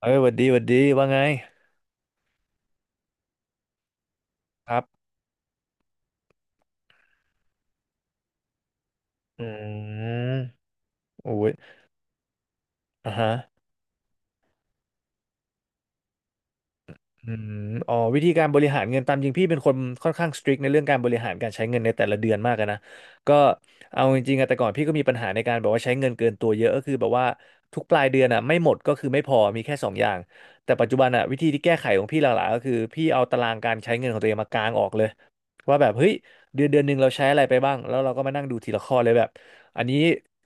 เอ้ยหวัดดีหวัดดี ว่าไงครับ อืมโอ้ยอ่ะฮะ อืมอ๋อวิธีการบริหารเงินตามจริงพี่เป็นคนค่อนข้างสตริกในเรื่องการบริหารการใช้เงินในแต่ละเดือนมากอะนะก็เอาจริงๆอะแต่ก่อนพี่ก็มีปัญหาในการแบบว่าใช้เงินเกินตัวเยอะก็คือแบบว่าทุกปลายเดือนอะไม่หมดก็คือไม่พอมีแค่สองอย่างแต่ปัจจุบันอะวิธีที่แก้ไขของพี่หลักๆก็คือพี่เอาตารางการใช้เงินของตัวเองมากางออกเลยว่าแบบเฮ้ยเดือนเดือนหนึ่งเราใช้อะไรไปบ้างแล้วเราก็มานั่งดูทีละข้อเลยแบบอันนี้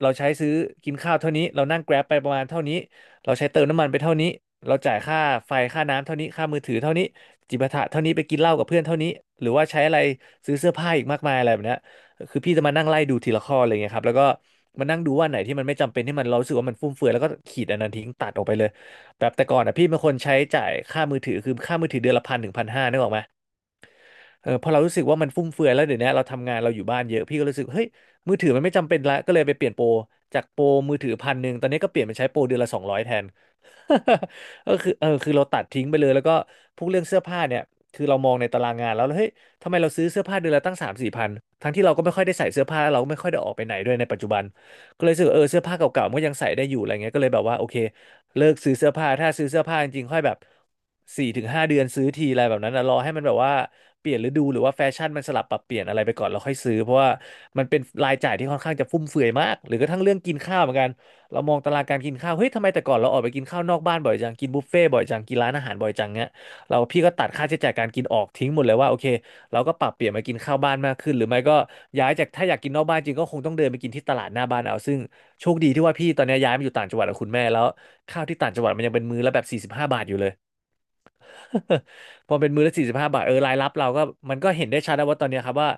เราใช้ซื้อกินข้าวเท่านี้เรานั่ง Grab ไปประมาณเท่านี้ เราใช้เติมน้ำมันไปเท่านี้เราจ่ายค่าไฟค่าน้ำเท่านี้ค่ามือถือเท่านี้จิบะถะเท่านี้ไปกินเหล้ากับเพื่อนเท่านี้หรือว่าใช้อะไรซื้อเสื้อผ้าอีกมากมายอะไรแบบเนี้ยคือพี่จะมานั่งไล่ดูทีละข้ออะไรเงี้ยครับแล้วก็มานั่งดูว่าไหนที่มันไม่จำเป็นที่มันเรารู้สึกว่ามันฟุ่มเฟือยแล้วก็ขีดอันนั้นทิ้งตัดออกไปเลยแบบแต่ก่อนอ่ะพี่เป็นคนใช้จ่ายค่ามือถือคือค่ามือถือเดือนละ1,000 ถึง 1,500นึกออกไหม เออพอเรารู้สึกว่ามันฟุ่มเฟือยแล้วเดี๋ยวนี้เราทำงานเราอยู่บ้านเยอะพี่ก็รู้สึกเฮ้ยมือถือมันไม่จำเป็นละก็เลยไปเปลี่ยนโปรจากโปรมือถือ1,100ตอนนี้ก็เปลี่ยนไปใช้โปรเดือนละ200แทน ก็คือเออคือเราตัดทิ้งไปเลยแล้วก็พวกเรื่องเสื้อผ้าเนี่ยคือเรามองในตารางงานแล้วเฮ้ยทำไมเราซื้อเสื้อผ้าเดือนละตั้ง3,000-4,000ทั้งที่เราก็ไม่ค่อยได้ใส่เสื้อผ้าแล้วเราก็ไม่ค่อยได้ออกไปไหนด้วยในปัจจุบันก็เลยรู้สึกว่าเออเสื้อผ้าเก่าๆมันก็ยังใส่ได้อยู่อะไรเงี้ยก็เลยแบบว่าโอเค เลิกซื้อเสื้อผ้าถ้าซื้อเสื้อผ้าจริงๆค่อยแบบ4 ถึง 5 เดือนซื้อทีอะไรแบบนั้นนะรอให้มันแบบว่าเปลี่ยนฤดูหรือว่าแฟชั่นมันสลับปรับเปลี่ยนอะไรไปก่อนเราค่อยซื้อเพราะว่ามันเป็นรายจ่ายที่ค่อนข้างจะฟุ่มเฟือยมากหรือกระทั่งเรื่องกินข้าวเหมือนกันเรามองตารางการกินข้าวเฮ้ยทำไมแต่ก่อนเราออกไปกินข้าวนอกบ้านบ่อยจังกินบุฟเฟ่ต์บ่อยจังกินร้านอาหารบ่อยจังเงี้ยเราพี่ก็ตัดค่าใช้จ่ายการกินออกทิ้งหมดเลยว่าโอเค เราก็ปรับเปลี่ยนมากินข้าวบ้านมากขึ้นหรือไม่ก็ย้ายจากถ้าอยากกินนอกบ้านจริงก็คงต้องเดินไปกินที่ตลาดหน้าบ้านเอาซึ่งโชคดีที่ว่าพี่ตอนนี้ย้ายมาอยู่ต่างจังหวัดกับคุณแม่แล้วข้าวที่ต่างจังหวัดมันยังเป็นมื้อละแบบสี่สิบห้าบาทอยู่เลย พอเป็นมื้อละ45 บาทเออรายรับเราก็มันก็เห็นได้ชัดแล้วว่าตอนเนี้ยครับว่า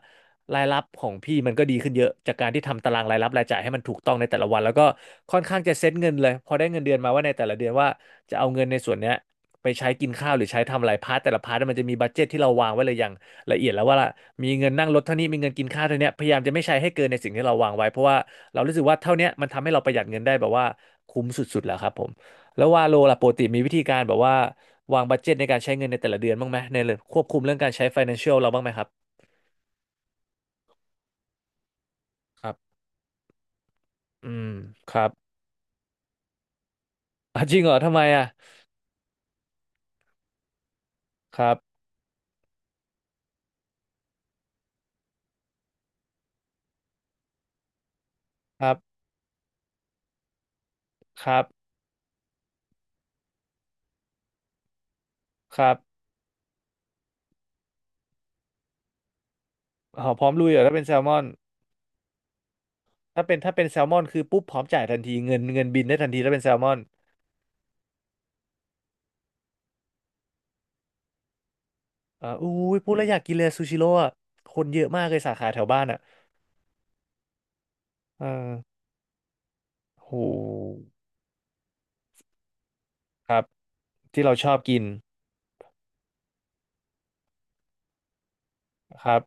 รายรับของพี่มันก็ดีขึ้นเยอะจากการที่ทำตารางรายรับรายจ่ายให้มันถูกต้องในแต่ละวันแล้วก็ค่อนข้างจะเซ็ตเงินเลยพอได้เงินเดือนมาว่าในแต่ละเดือนว่าจะเอาเงินในส่วนเนี้ยไปใช้กินข้าวหรือใช้ทำอะไรพาร์ทแต่ละพาร์ทมันจะมีบัดเจ็ตที่เราวางไว้เลยอย่างละเอียดแล้วว่ามีเงินนั่งรถเท่านี้มีเงินกินข้าวเท่านี้พยายามจะไม่ใช้ให้เกินในสิ่งที่เราวางไว้เพราะว่าเรารู้สึกว่าเท่าเนี้ยมันทำให้เราประหยัดเงินได้แบบว่าคุ้มสุดๆแล้วครับผมแล้วว่าโลล่ะปกติมีวิธีการแบบว่า วางบัดเจ็ตในการใช้เงินในแต่ละเดือนบ้างไหมในเรื่องควบคุมเรื่องการใช้ financial เราบ้างไหมครับครับอืมครับอ่ะจริงเหรอทำไมอ่ะครับครับครับครับอ๋อพร้อมลุยเหรอถ้าเป็นแซลมอนถ้าเป็นแซลมอนคือปุ๊บพร้อมจ่ายทันทีเงินบินได้ทันทีถ้าเป็นแซลมอนอ่าอุ้ยพูดแล้วอยากกินเลยซูชิโร่อะคนเยอะมากเลยสาขาแถวบ้านอ่ะเอ่าโหครับที่เราชอบกินครับ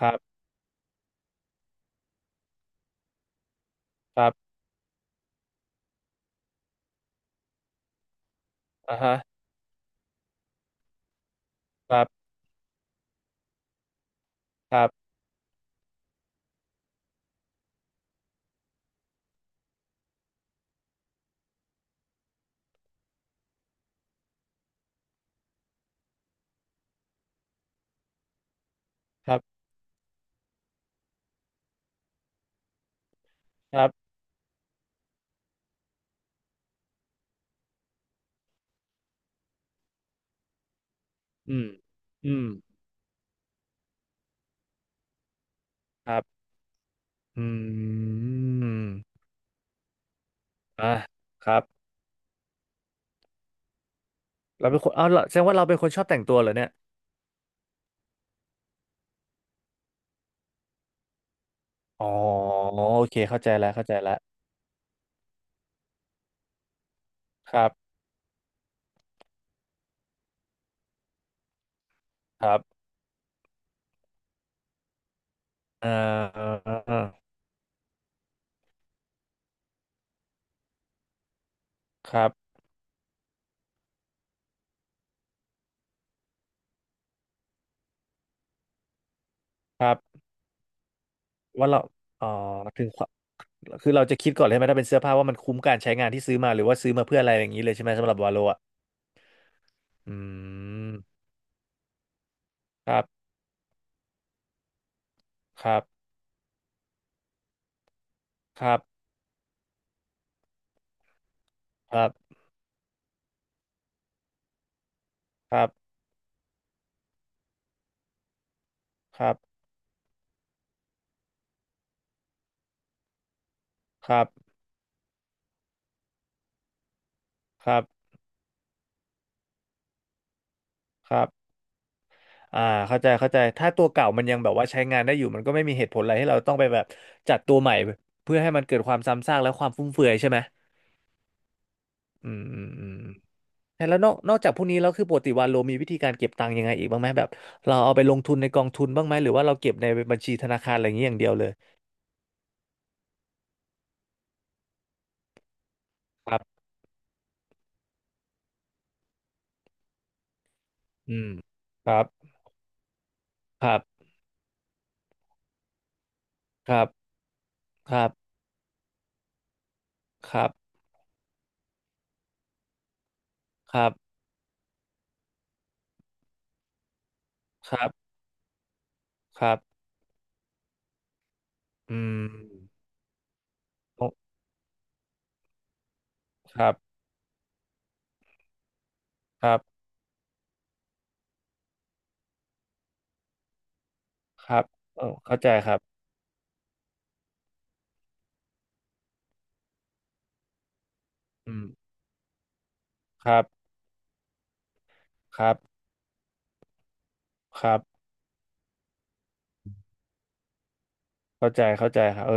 ครับครับอ่าฮะครับครับครับครับอืมอืมครับ อืมอ่ะครับเราเป็นคนเอาเหรอแสดงว่าเราเป็นคนชอบแต่งตัวเหรอเนี่ยอ๋อโอเคเข้าใจแล้วเข้าใจแล้วครับครับอ่าครับครับว่าเราอ๋อถึงความคือเราจะคิดก่อนเลยไหมถ้าเป็นเสื้อผ้าว่ามันคุ้มการใช้งานที่ซื้อมาหรือว่าซื้อมาเพื่ออะไรอย่างนี้เลยใช่ไหมสำหรับวาโลอ่ะอืมครับครับครับครับครับครับครับครับครับ อ่าเข้าใจเข้าใจถ้าตัวเก่ามันยังแบบว่าใช้งานได้อยู่มันก็ไม่มีเหตุผลอะไรให้เราต้องไปแบบจัดตัวใหม่เพื่อให้มันเกิดความซ้ำซากและความฟุ่มเฟือยใช่ไหมอืมอืมอืมแล้วนอกจากพวกนี้แล้วคือปกติวาโลมีวิธีการเก็บตังค์ยังไงอีกบ้างไหมแบบเราเอาไปลงทุนในกองทุนบ้างไหมหรือว่าเราเก็บในบัญชีธนาคารอะไรอย่างนี้อย่างเดียวเลยครับอืมครับครับครับครับครับครับครับครับอืมโอ้ครับครับครับเออเข้าใจครับอืมครับครับครับ เข้าใจเข้าใจครับเออ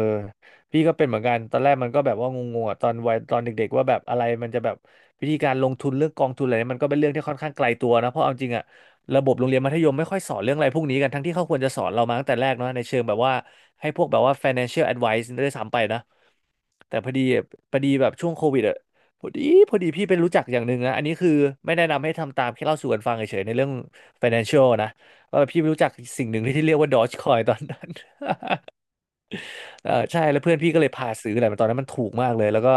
พี่ก็เป็นเหมือนกัน ตอนแรกมันก็แบบว่างงๆอะตอนวัยตอนเด็กๆว่าแบบอะไรมันจะแบบวิธีการลงทุนเรื่องกองทุนอะไรเนี่ยมันก็เป็นเรื่องที่ค่อนข้างไกลตัวนะ เพราะเอาจริงอะระบบโรงเรียนมัธยมไม่ค่อยสอนเรื่องอะไรพวกนี้กันทั้งที่เขาควรจะสอนเรามาตั้งแต่แรกเนาะในเชิงแบบว่าให้พวกแบบว่า financial advice ด้วยซ้ำไปนะแต่พอดีพอดีแบบช่วงโควิดอะพอดีพอดีพี่เป็นรู้จักอย่างหนึ่งนะอันนี้คือไม่แนะนำให้ทำตามแค่เล่าสู่กันฟังเฉยๆในเรื่อง financial นะว่าพี่ไปรู้จักสิ่งหนึ่งที่เรียกว่า Dogecoin ตอนนั้น เออใช่แล้วเพื่อนพี่ก็เลยพาซื้อแหละมันตอนนั้นมันถูกมากเลยแล้วก็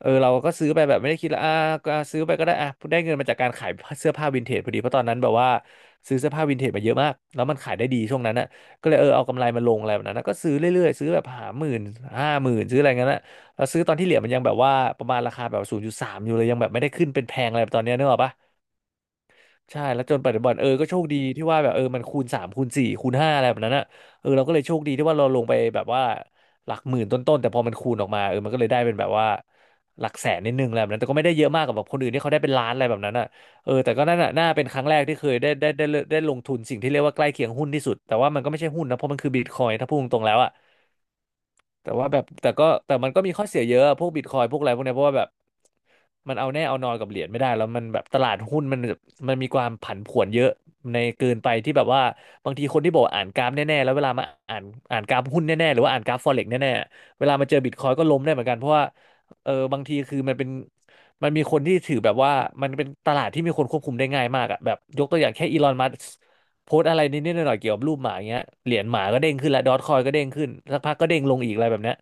เออเราก็ซื้อไปแบบไม่ได้คิดละอ่าก็ซื้อไปก็ได้อ่ะได้เงินมาจากการขายเสื้อผ้าวินเทจพอดีเพราะตอนนั้นแบบว่าซื้อเสื้อผ้าวินเทจมาเยอะมากแล้วมันขายได้ดีช่วงนั้นน่ะก็เลยเออเอากำไรมาลงอะไรแบบนั้นนะก็ซื้อเรื่อยๆซื้อแบบหาหมื่นห้าหมื่นซื้ออะไรเงี้ยนะเราซื้อตอนที่เหรียญมันยังแบบว่าประมาณราคาแบบศูนย์จุดสามอยู่เลยยังแบบไม่ได้ขึ้นเป็นแพงอะไรแบบตอนเนี้ยนึกออกปะ ใช่แล้วจนปัจจุบันเออก็โชคดีที่ว่าแบบเออมันคูณสามคูณสี่คูณห้าอะไรแบบนั้นอ่ะเออเราก็เลยโชคดีที่ว่าเราลงไปแบบว่าหลักหมื่นต้นๆแต่พอมันคูณออกมาเออมันก็เลยได้เป็นแบบว่าหลักแสนนิดนึงอะไรแบบนั้นแต่ก็ไม่ได้เยอะมากกับแบบคนอื่นที่เขาได้เป็นล้านอะไรแบบนั้นอ่ะเออแต่ก็นั่นนะน่าเป็นครั้งแรกที่เคยได้ลงทุนสิ่งที่เรียกว่าใกล้เคียงหุ้นที่สุดแต่ว่ามันก็ไม่ใช่หุ้นนะเพราะมันคือบิตคอยน์ถ้าพูดตรงๆแล้วอ่ะ แต่ว่าแบบแต่ก็แต่มันก็มีข้อเสียเยอะพวกบิตคอยพวกอะไรพวกเนี้ยเพราะว่าแบบมันเอาแน่เอานอนกับเหรียญไม่ได้แล้วมันแบบตลาดหุ้นมันมีความผันผวนเยอะในเกินไปที่แบบว่าบางทีคนที่บอกวอ่านกราฟแน่ๆแล้วเวลามาอ่านอ่านกราฟหุ้นแน่ๆหรือว่าอ่านกราฟฟอเร็กซ์แน่ๆเวลามาเจอบิตคอยก็ล้มได้เหมือนกันเพราะว่าเออบางทีคือมันเป็นมันมีคนที่ถือแบบว่ามันเป็นตลาดที่มีคนควบคุมได้ง่ายมากอะแบบยกตัวอย่างแค่อีลอนมัส โพสต์อะไรนิดๆหน่อยๆเกี่ยวกับรูปหมาอย่างเงี้ยเหรียญหมาก็เด้งขึ้นแล้วดอทคอยก็เด้งขึ้นสักพักก็เด้งลงอีกอะไรแบบเนี้ย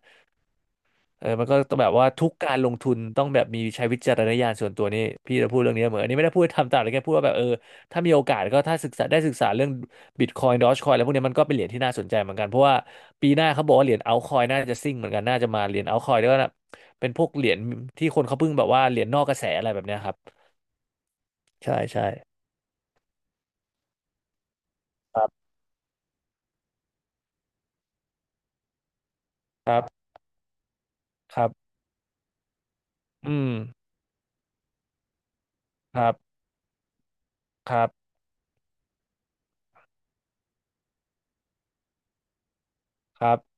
เออมันก็ต้องแบบว่าทุกการลงทุนต้องแบบมีใช้วิจารณญาณส่วนตัวนี่พี่จะพูดเรื่องนี้เหมอนอันนี้ไม่ได้พูดทำตามเลยแค่พูดว่าแบบเออถ้ามีโอกาสก็ถ้าศึกษาได้ศึกษาเรื่องบิตคอยน์ดอทคอยอะไรพวกเนี้ยมันก็เป็นเหรียญที่น่าสนใจเหมือนกันเพราะว่าปีหน้าเขาบอกว่าเหรียญเอาคอยน่าจะซิ่งเหมือนกันน่าจะมาเหรียญเอาคอยด้วยนะเป็นพวกเหรียญที่คนเขาเพิ่งแบบว่าเหรียญนอกกระแสอะไรแบบเนี้ยครับใช่ใช่ครับครับครับอืมครับครับครับ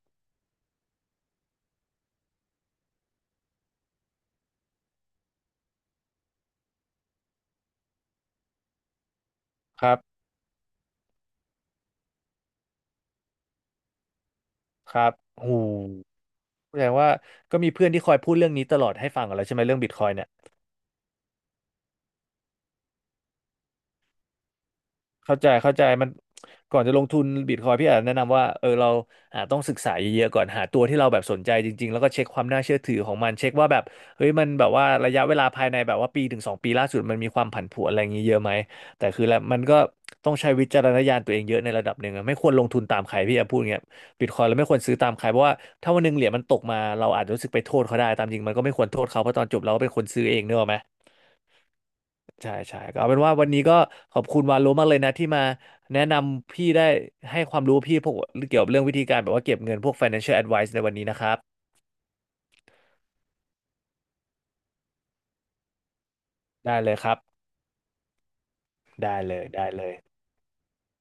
ครับ ครับโอ้โหแสดงว่าก็มีเพื่อนที่คอยพูดเรื่องนี้ตลอดให้ฟังกันแล้วใช่ไหมเรื่องบิตคอยเนี่ย เข้าใจเข้าใจมันก่อนจะลงทุนบิตคอยพี่อาจแนะนำว่าเออเราอาจต้องศึกษาเยอะๆก่อนหาตัวที่เราแบบสนใจจริงๆแล้วก็เช็คความน่าเชื่อถือของมันเช็คว่าแบบเฮ้ยมันแบบว่าระยะเวลาภายในแบบว่าปีถึงสองปีล่าสุดมันมีความผันผวนอะไรอย่างนี้เยอะไหมแต่คือแล้วมันก็ต้องใช้วิจารณญาณตัวเองเยอะในระดับหนึ่งอะไม่ควรลงทุนตามใครพี่อาพูดเงี้ยบิตคอยเราไม่ควรซื้อตามใครเพราะว่าถ้าวันหนึ่งเหรียญมันตกมาเราอาจจะรู้สึกไปโทษเขาได้ตามจริงมันก็ไม่ควรโทษเขาเพราะตอนจบเราก็เป็นคนซื้อเองเนกอะไหม ใช่ใช่ก็เอาเป็นว่าวันนี้ก็ขอบคุณวาโลมากเลยนะที่มาแนะนำพี่ได้ให้ความรู้พี่พวกเกี่ยวกับเรื่องวิธีการแบบว่าเก็บเงินพวก financial advice ในวันนี้นะครับได้เลยครับได้เลยได้เลย